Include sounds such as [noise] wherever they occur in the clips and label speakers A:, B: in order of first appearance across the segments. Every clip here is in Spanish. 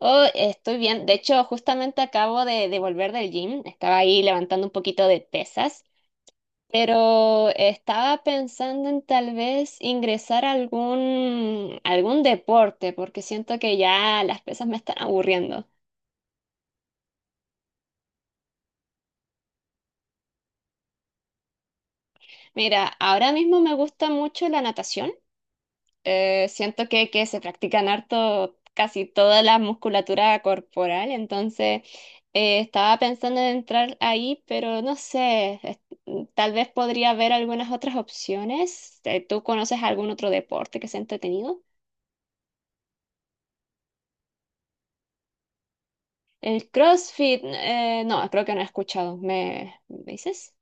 A: Oh, estoy bien. De hecho, justamente acabo de volver del gym. Estaba ahí levantando un poquito de pesas, pero estaba pensando en tal vez ingresar a algún deporte, porque siento que ya las pesas me están aburriendo. Mira, ahora mismo me gusta mucho la natación. Siento que se practican harto casi toda la musculatura corporal, entonces estaba pensando en entrar ahí, pero no sé, tal vez podría haber algunas otras opciones. ¿Tú conoces algún otro deporte que sea entretenido? El CrossFit, no, creo que no he escuchado. ¿Me dices?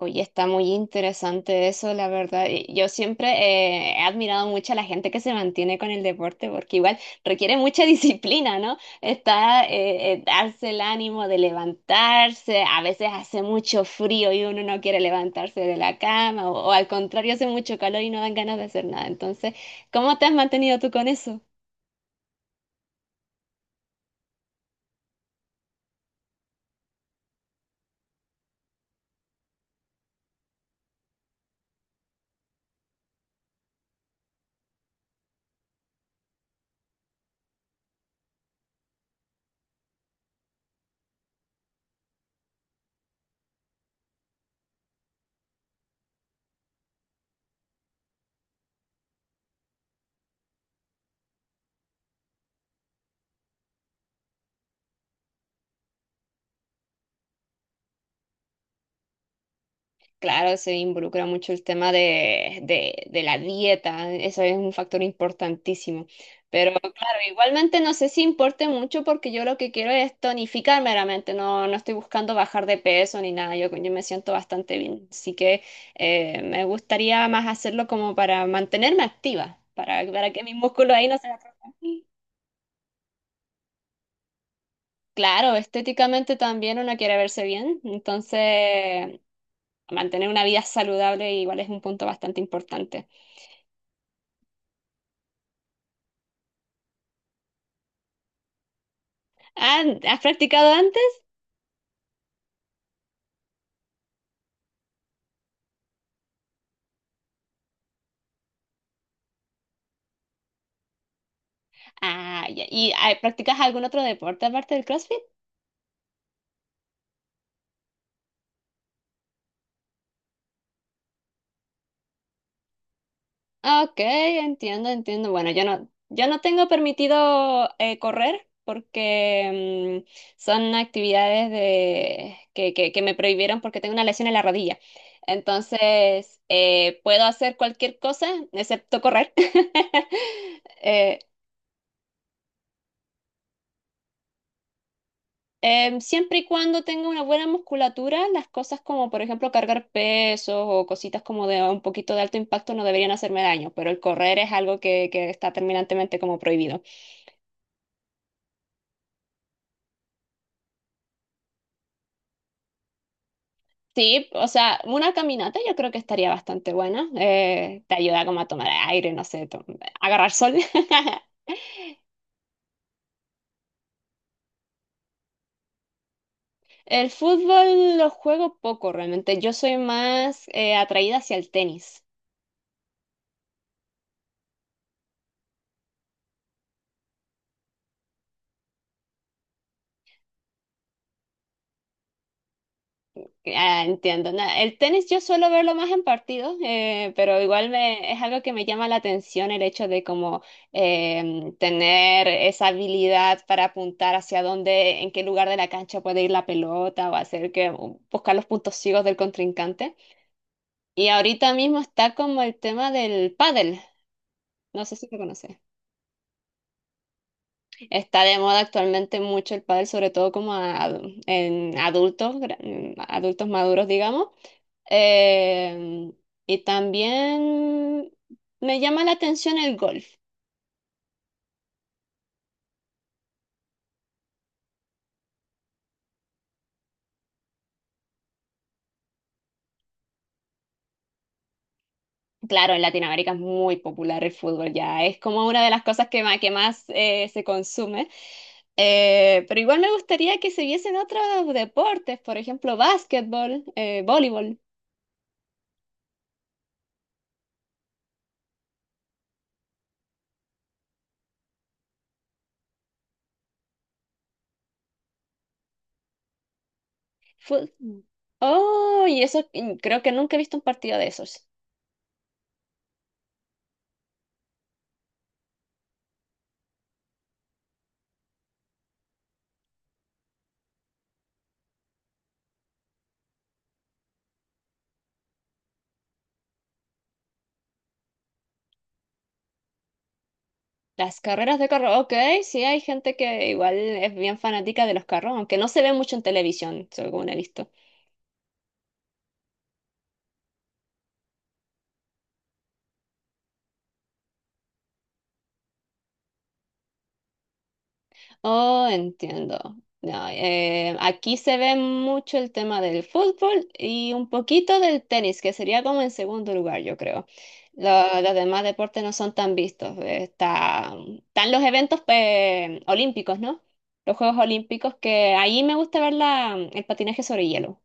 A: Oye, está muy interesante eso, la verdad. Y yo siempre he admirado mucho a la gente que se mantiene con el deporte, porque igual requiere mucha [laughs] disciplina, ¿no? Está darse el ánimo de levantarse, a veces hace mucho frío y uno no quiere levantarse de la cama, o al contrario, hace mucho calor y no dan ganas de hacer nada. Entonces, ¿cómo te has mantenido tú con eso? Claro, se involucra mucho el tema de la dieta, eso es un factor importantísimo. Pero claro, igualmente no sé si importe mucho porque yo lo que quiero es tonificar meramente, no, no estoy buscando bajar de peso ni nada, yo me siento bastante bien. Así que me gustaría más hacerlo como para mantenerme activa, para que mis músculos ahí no se atrofien. Claro, estéticamente también uno quiere verse bien, entonces mantener una vida saludable igual es un punto bastante importante. Ah, ¿has practicado antes? Ah, ya. ¿Y ah, practicas algún otro deporte aparte del CrossFit? Ok, entiendo, entiendo. Bueno, yo no tengo permitido correr porque son actividades de, que me prohibieron porque tengo una lesión en la rodilla. Entonces, puedo hacer cualquier cosa excepto correr. [laughs] Eh, Siempre y cuando tenga una buena musculatura, las cosas como, por ejemplo, cargar pesos o cositas como de un poquito de alto impacto no deberían hacerme daño, pero el correr es algo que está terminantemente como prohibido. Sí, o sea, una caminata yo creo que estaría bastante buena. Te ayuda como a tomar aire, no sé, agarrar sol. [laughs] El fútbol lo juego poco realmente. Yo soy más atraída hacia el tenis. Ah, entiendo. El tenis yo suelo verlo más en partidos, pero es algo que me llama la atención el hecho de como tener esa habilidad para apuntar hacia dónde, en qué lugar de la cancha puede ir la pelota o hacer que o buscar los puntos ciegos del contrincante. Y ahorita mismo está como el tema del pádel. No sé si lo conoces. Está de moda actualmente mucho el pádel, sobre todo en adultos, adultos maduros, digamos. Eh, y también me llama la atención el golf. Claro, en Latinoamérica es muy popular el fútbol ya, es como una de las cosas que más se consume. Pero igual me gustaría que se viesen otros deportes, por ejemplo, básquetbol, voleibol, fut- Oh, y eso creo que nunca he visto un partido de esos. Las carreras de carro, ok, sí hay gente que igual es bien fanática de los carros, aunque no se ve mucho en televisión, según he visto. Oh, entiendo. No, aquí se ve mucho el tema del fútbol y un poquito del tenis, que sería como en segundo lugar, yo creo. Los demás deportes no son tan vistos. Están los eventos olímpicos, ¿no? Los Juegos Olímpicos, que ahí me gusta ver el patinaje sobre hielo.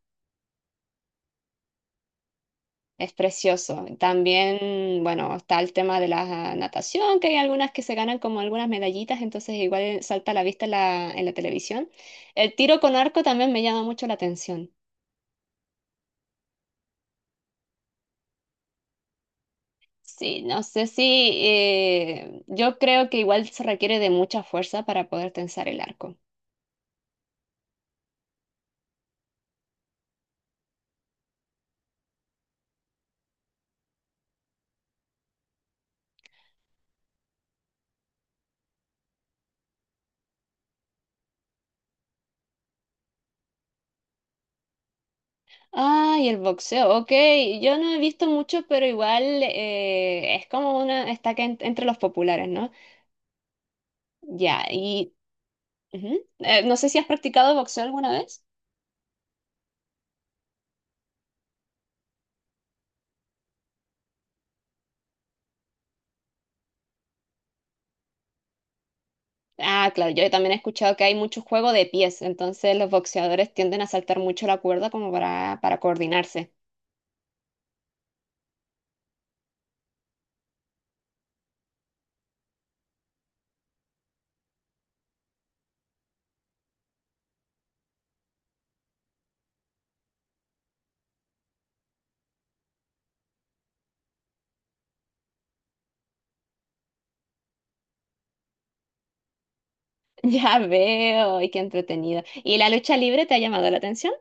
A: Es precioso. También, bueno, está el tema de la natación, que hay algunas que se ganan como algunas medallitas, entonces igual salta a la vista en la televisión. El tiro con arco también me llama mucho la atención. Sí, no sé si yo creo que igual se requiere de mucha fuerza para poder tensar el arco. Ah, y el boxeo, ok. Yo no he visto mucho, pero igual es como una, está que entre los populares, ¿no? Ya, y ujú. No sé si has practicado boxeo alguna vez. Ah, claro, yo también he escuchado que hay mucho juego de pies, entonces los boxeadores tienden a saltar mucho la cuerda como para coordinarse. [laughs] Ya veo, y qué entretenido. ¿Y la lucha libre te ha llamado la atención?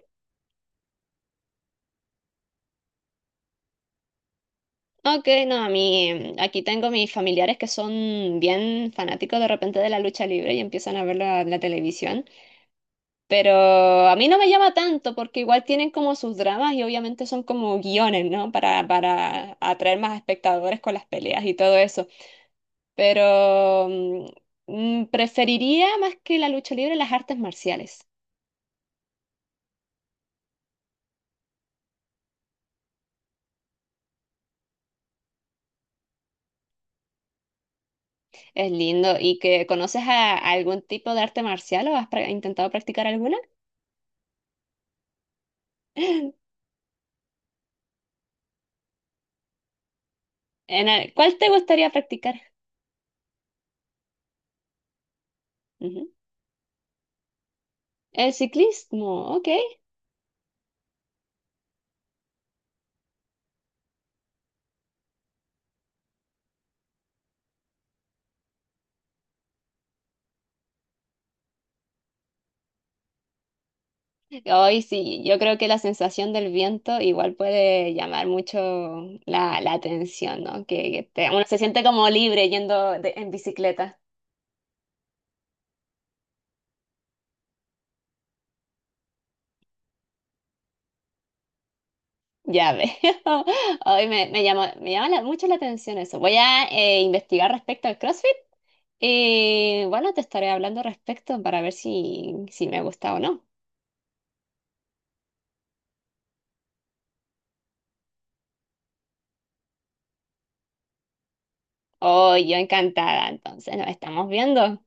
A: Ok, no, a mí, mm, aquí tengo mis familiares que son bien fanáticos de repente de la lucha libre y empiezan a verla en la televisión, pero a mí no me llama tanto porque igual tienen como sus dramas y obviamente son como guiones, ¿no? Para atraer más espectadores con las peleas y todo eso. Pero preferiría más que la lucha libre las artes marciales. Es lindo. ¿Y que conoces a algún tipo de arte marcial o has intentado practicar alguna? ¿Cuál te gustaría practicar? Ujú. El ciclismo, ok. Hoy sí, yo creo que la sensación del viento igual puede llamar mucho la atención, ¿no? Que, uno se siente como libre en bicicleta. Ya veo. [laughs] Hoy me llama mucho la atención eso. Voy a investigar respecto al CrossFit y bueno, te estaré hablando respecto para ver si, si me gusta o no. Oh, yo encantada, entonces nos estamos viendo.